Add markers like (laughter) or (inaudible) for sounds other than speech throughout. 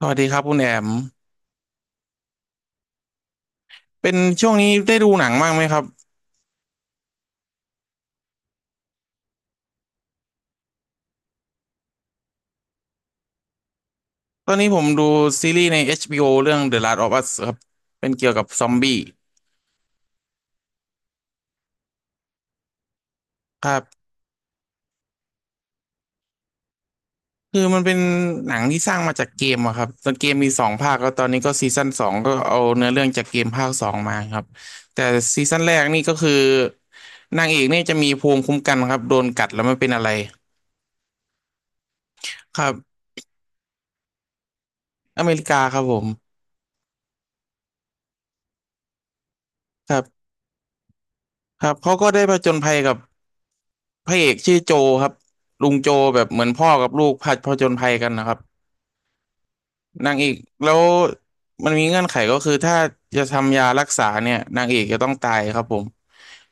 สวัสดีครับคุณแอมเป็นช่วงนี้ได้ดูหนังบ้างไหมครับ ตอนนี้ผมดูซีรีส์ใน HBO เรื่อง The Last of Us ครับ เป็นเกี่ยวกับซอมบี้ครับ คือมันเป็นหนังที่สร้างมาจากเกมอะครับ ตอนเกมมีสองภาคแล้วตอนนี้ก็ซีซั่นสองก็เอาเนื้อเรื่องจากเกมภาคสองมาครับ แต่ซีซั่นแรกนี่ก็คือนางเอกนี่จะมีภูมิคุ้มกันครับโดนกัดแล้วไม่เป็นอะไรครับอเมริกาครับผมครับครับเขาก็ได้ผจญภัยกับ พระเอกชื่อโจครับลุงโจแบบเหมือนพ่อกับลูกพผผจญภัยกันนะครับนางเอกแล้วมันมีเงื่อนไขก็คือถ้าจะทำยารักษาเนี่ยนางเอกจะต้องตายครับผม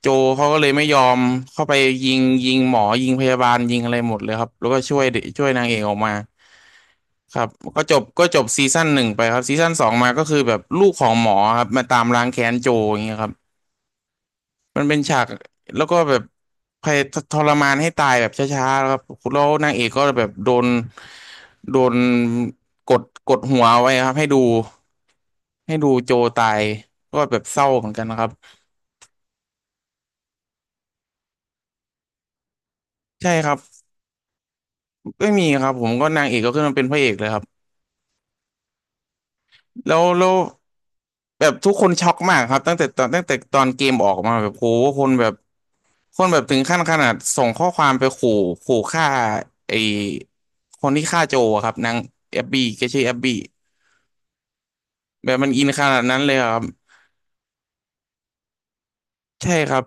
โจเขาก็เลยไม่ยอมเข้าไปยิงหมอยิงพยาบาลยิงอะไรหมดเลยครับแล้วก็ช่วยนางเอกออกมาครับก็จบซีซั่นหนึ่งไปครับซีซั่นสองมาก็คือแบบลูกของหมอครับมาตามล้างแค้นโจอย่างเงี้ยครับ มันเป็นฉากแล้วก็แบบพยทรมานให้ตายแบบช้าๆแล้วครับแล้วนางเอกก็แบบโดนกดกดหัวไว้ครับให้ดูโจตายก็แบบเศร้าเหมือนกันนะครับใช่ครับไม่มีครับผมก็นางเอกก็ขึ้นมาเป็นพระเอกเลยครับแล้วแบบทุกคนช็อกมากครับตั้งแต่ตอนเกมออกมาแบบโหคนแบบคนแบบถึงขั้นขนาดส่งข้อความไปขู่ขู่ฆ่าไอคนที่ฆ่าโจอะครับนางแอบบี้แกชื่อแอบบี้ แบบมันอินขนาดนั้นเลยเหรอครับใช่ครับ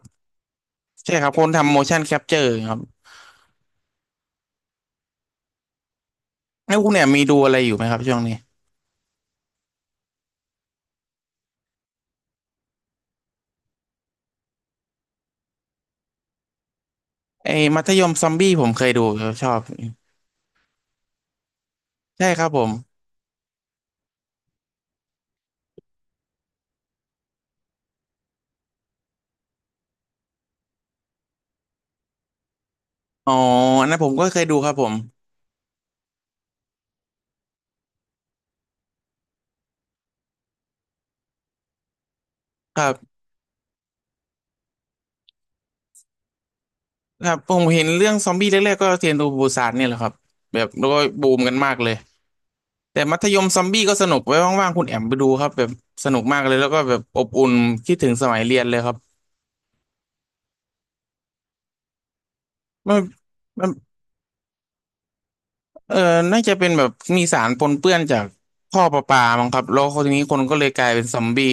ใช่ครับคนทำ motion capture ครับแล้วคุณเนี่ยมีดูอะไรอยู่ไหมครับช่วงนี้ไอ้มัธยมซอมบี้ผมเคยดูครับชอบใช่ครับผมอ๋ออันนั้นผมก็เคยดูครับผมครับครับผมเห็นเรื่องซอมบี้แรกๆก็เทรนทูบูซานเนี่ยแหละครับแบบแล้วก็บูมกันมากเลยแต่มัธยมซอมบี้ก็สนุกไว้ว่างๆคุณแอมไปดูครับแบบสนุกมากเลยแล้วก็แบบอบอุ่นคิดถึงสมัยเรียนเลยครับมันมัน เออน่าจะเป็นแบบมีสารปนเปื้อนจากท่อประปามั้งครับแล้วคนนี้คนก็เลยกลายเป็นซอมบี้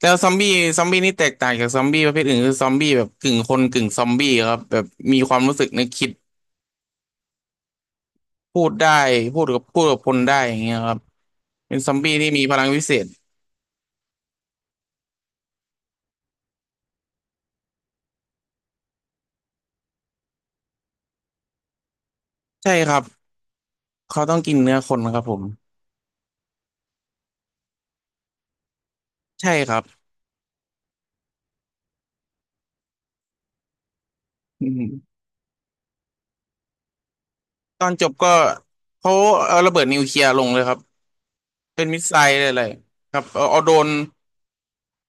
แล้วซอมบี้นี่แตกต่างจากซอมบี้ประเภทอื่นคือซอมบี้แบบกึ่งคนกึ่งซอมบี้ครับแบบมีความรู้สึกนึกคิดพูดได้พูดกับคนได้อย่างเงี้ยครับเป็นซอมบี้ที่มีพลังวิเศษใช่ครับเขาต้องกินเนื้อคนครับผมใช่ครับอืมตอนจบก็เขาเอาระเบิดนิวเคลียร์ลงเลยครับเป็นมิสไซล์อะไรๆครับเอาโดน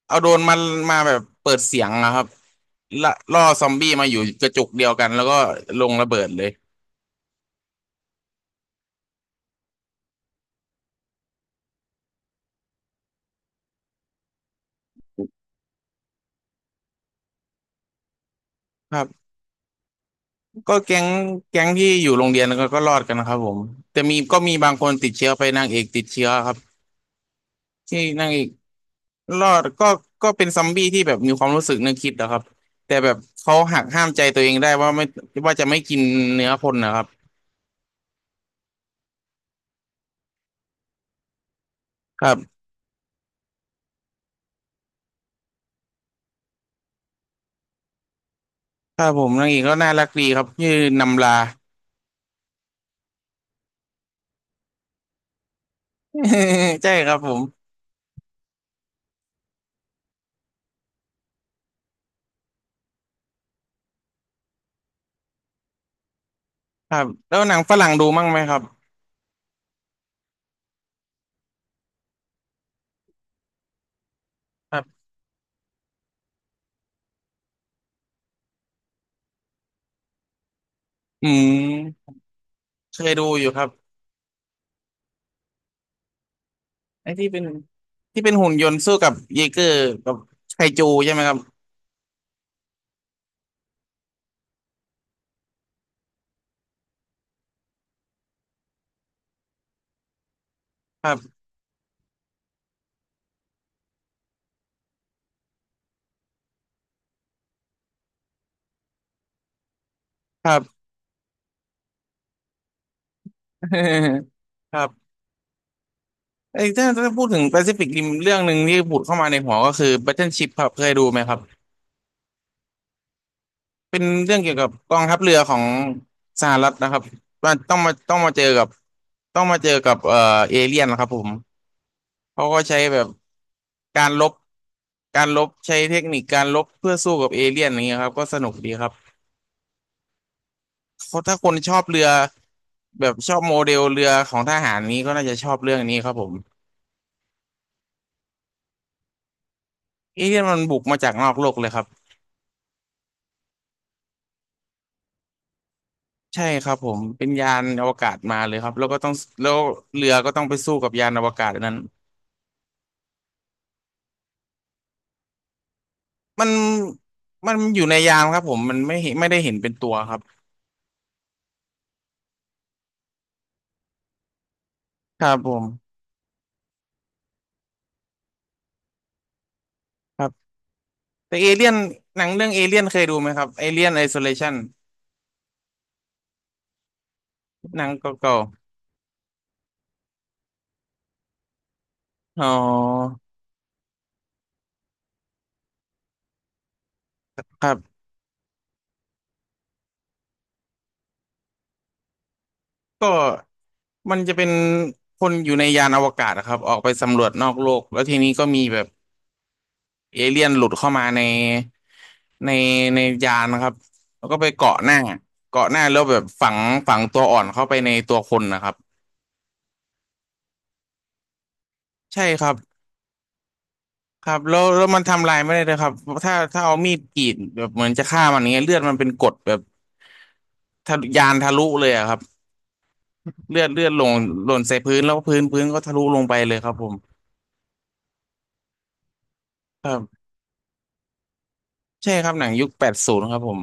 เอาโดรนมันมาแบบเปิดเสียงนะครับล่อซอมบี้มาอยู่กระจุกเดียวกันแล้วก็ลงระเบิดเลยครับก็แก๊งที่อยู่โรงเรียนก็รอดกันนะครับผมแต่มีบางคนติดเชื้อไปนางเอกติดเชื้อครับที่นางเอกรอดก็เป็นซอมบี้ที่แบบมีความรู้สึกนึกคิดนะครับแต่แบบเขาหักห้ามใจตัวเองได้ว่าไม่ว่าจะไม่กินเนื้อคนนะครับครับครับผมนางเอกก็น่ารักดีครับชื่อนำลา (laughs) ใช่ครับผมครับแล้วหนังฝรั่งดูมั่งไหมครับ อืมเคยดูอยู่ครับไอ้ที่เป็นที่เป็นหุ่นยนต์สู้กับเยเกอร์กับไคจูใช่ไหมครับครับครับ (laughs) ครับไอ้ถ้าพูดถึงแปซิฟิกริมเรื่องหนึ่งที่ผุดเข้ามาในหัวก็คือ Battleship ครับเคยดูไหมครับเป็นเรื่องเกี่ยวกับกองทัพเรือของสหรัฐนะครับว่าต้องมาเจอกับเอเลี่ยนนะครับผมเขาก็ใช้แบบการลบการลบใช้เทคนิคการลบเพื่อสู้กับเอเลี่ยนอย่างเงี้ยครับก็สนุกดีครับ เพราะถ้าคนชอบเรือแบบชอบโมเดลเรือของทหารนี้ก็น่าจะชอบเรื่องนี้ครับผมเอเลี่ยนมันบุกมาจากนอกโลกเลยครับใช่ครับผมเป็นยานอวกาศมาเลยครับแล้วก็ต้องแล้วเรือก็ต้องไปสู้กับยานอวกาศอันนั้นมันมันอยู่ในยานครับผมมันไม่ได้เห็นเป็นตัวครับครับผมครับแต่เอเลี่ยนหนังเรื่องเอเลี่ยนเคยดูไหมครับเอเลี่ยนไอโซเลชันหนังเก่าๆอ๋อครับก็ มันจะเป็นคนอยู่ในยานอวกาศนะครับออกไปสำรวจนอกโลกแล้วทีนี้ก็มีแบบเอเลี่ยนหลุดเข้ามาในในในยานนะครับแล้วก็ไปเกาะหน้าแล้วแบบฝังตัวอ่อนเข้าไปในตัวคนนะครับใช่ครับครับแล้วมันทำลายไม่ได้เลยครับถ้าเอามีดกรีดแบบเหมือนจะฆ่ามันอย่างเงี้ยเลือดมันเป็นกรดแบบทะลุยานทะลุเลยอะครับเลือดลงหล่นใส่พื้นแล้วพื้นก็ทะลุลงไปเลยครับผมครับใช่ครับหนังยุคแปดศูนย์ครับผม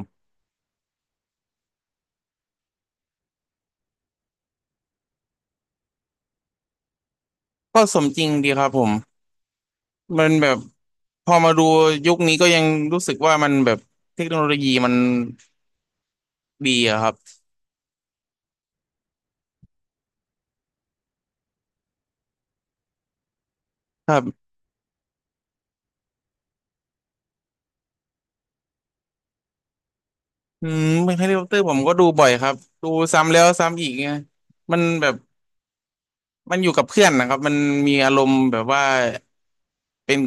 ก็สมจริงดีครับผม มันแบบพอมาดูยุคนี้ก็ยังรู้สึกว่ามันแบบเทคโนโลยีมันดีอะครับครับอืมแฮร์รี่พอตเตอร์ผมก็ดูบ่อยครับดูซ้ำแล้วซ้ำอีกไงมันแบบมันอยู่กับเพื่อนนะครับมันมีอารมณ์แบบว่าเป็น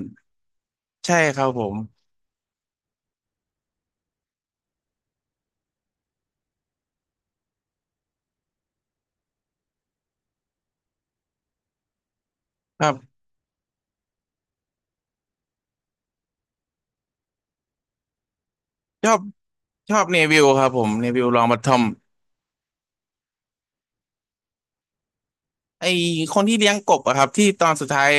ใช่ครับผมครับชอบชอบเนวิลครับผมเนวิลลองบัตทอมไอคนที่เลี้ยงกบอะครับที่ตอนสุดท้าย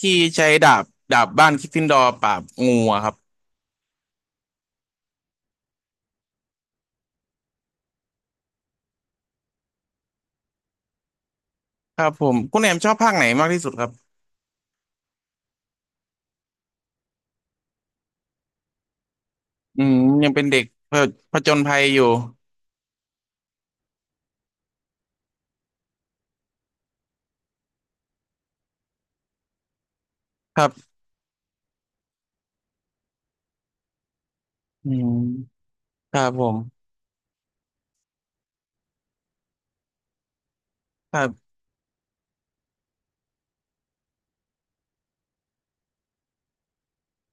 ที่ใช้ดาบดาบบ้านกริฟฟินดอร์ปราบงูอะครับครับผมคุณแอมชอบภาคไหนมากที่สุดครับ อืมยังเป็นเด็กผผจญภัยอยู่ครับอืมครับผมครับ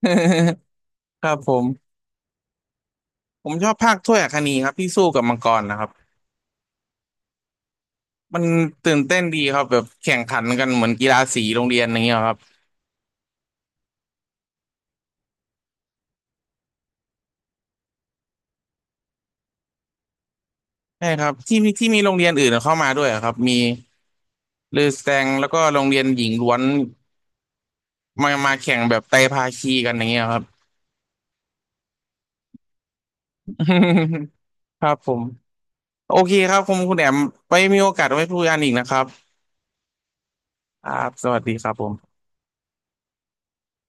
(laughs) ครับผมชอบภาคถ้วยอัคนีครับที่สู้กับมังกรนะครับมันตื่นเต้นดีครับแบบแข่งขันกันเหมือนกีฬาสีโรงเรียนอย่างเงี้ยครับใช่ครับที่มีโรงเรียนอื่นเข้ามาด้วยครับมีลือแสตงแล้วก็โรงเรียนหญิงล้วนมาแข่งแบบไตรภาคีกันอย่างเงี้ยครับ (laughs) ครับผมโอเคครับคุณแอมไปมีโอกาสไว้พูดกันอีกนะครับครับสวัสดีครับผม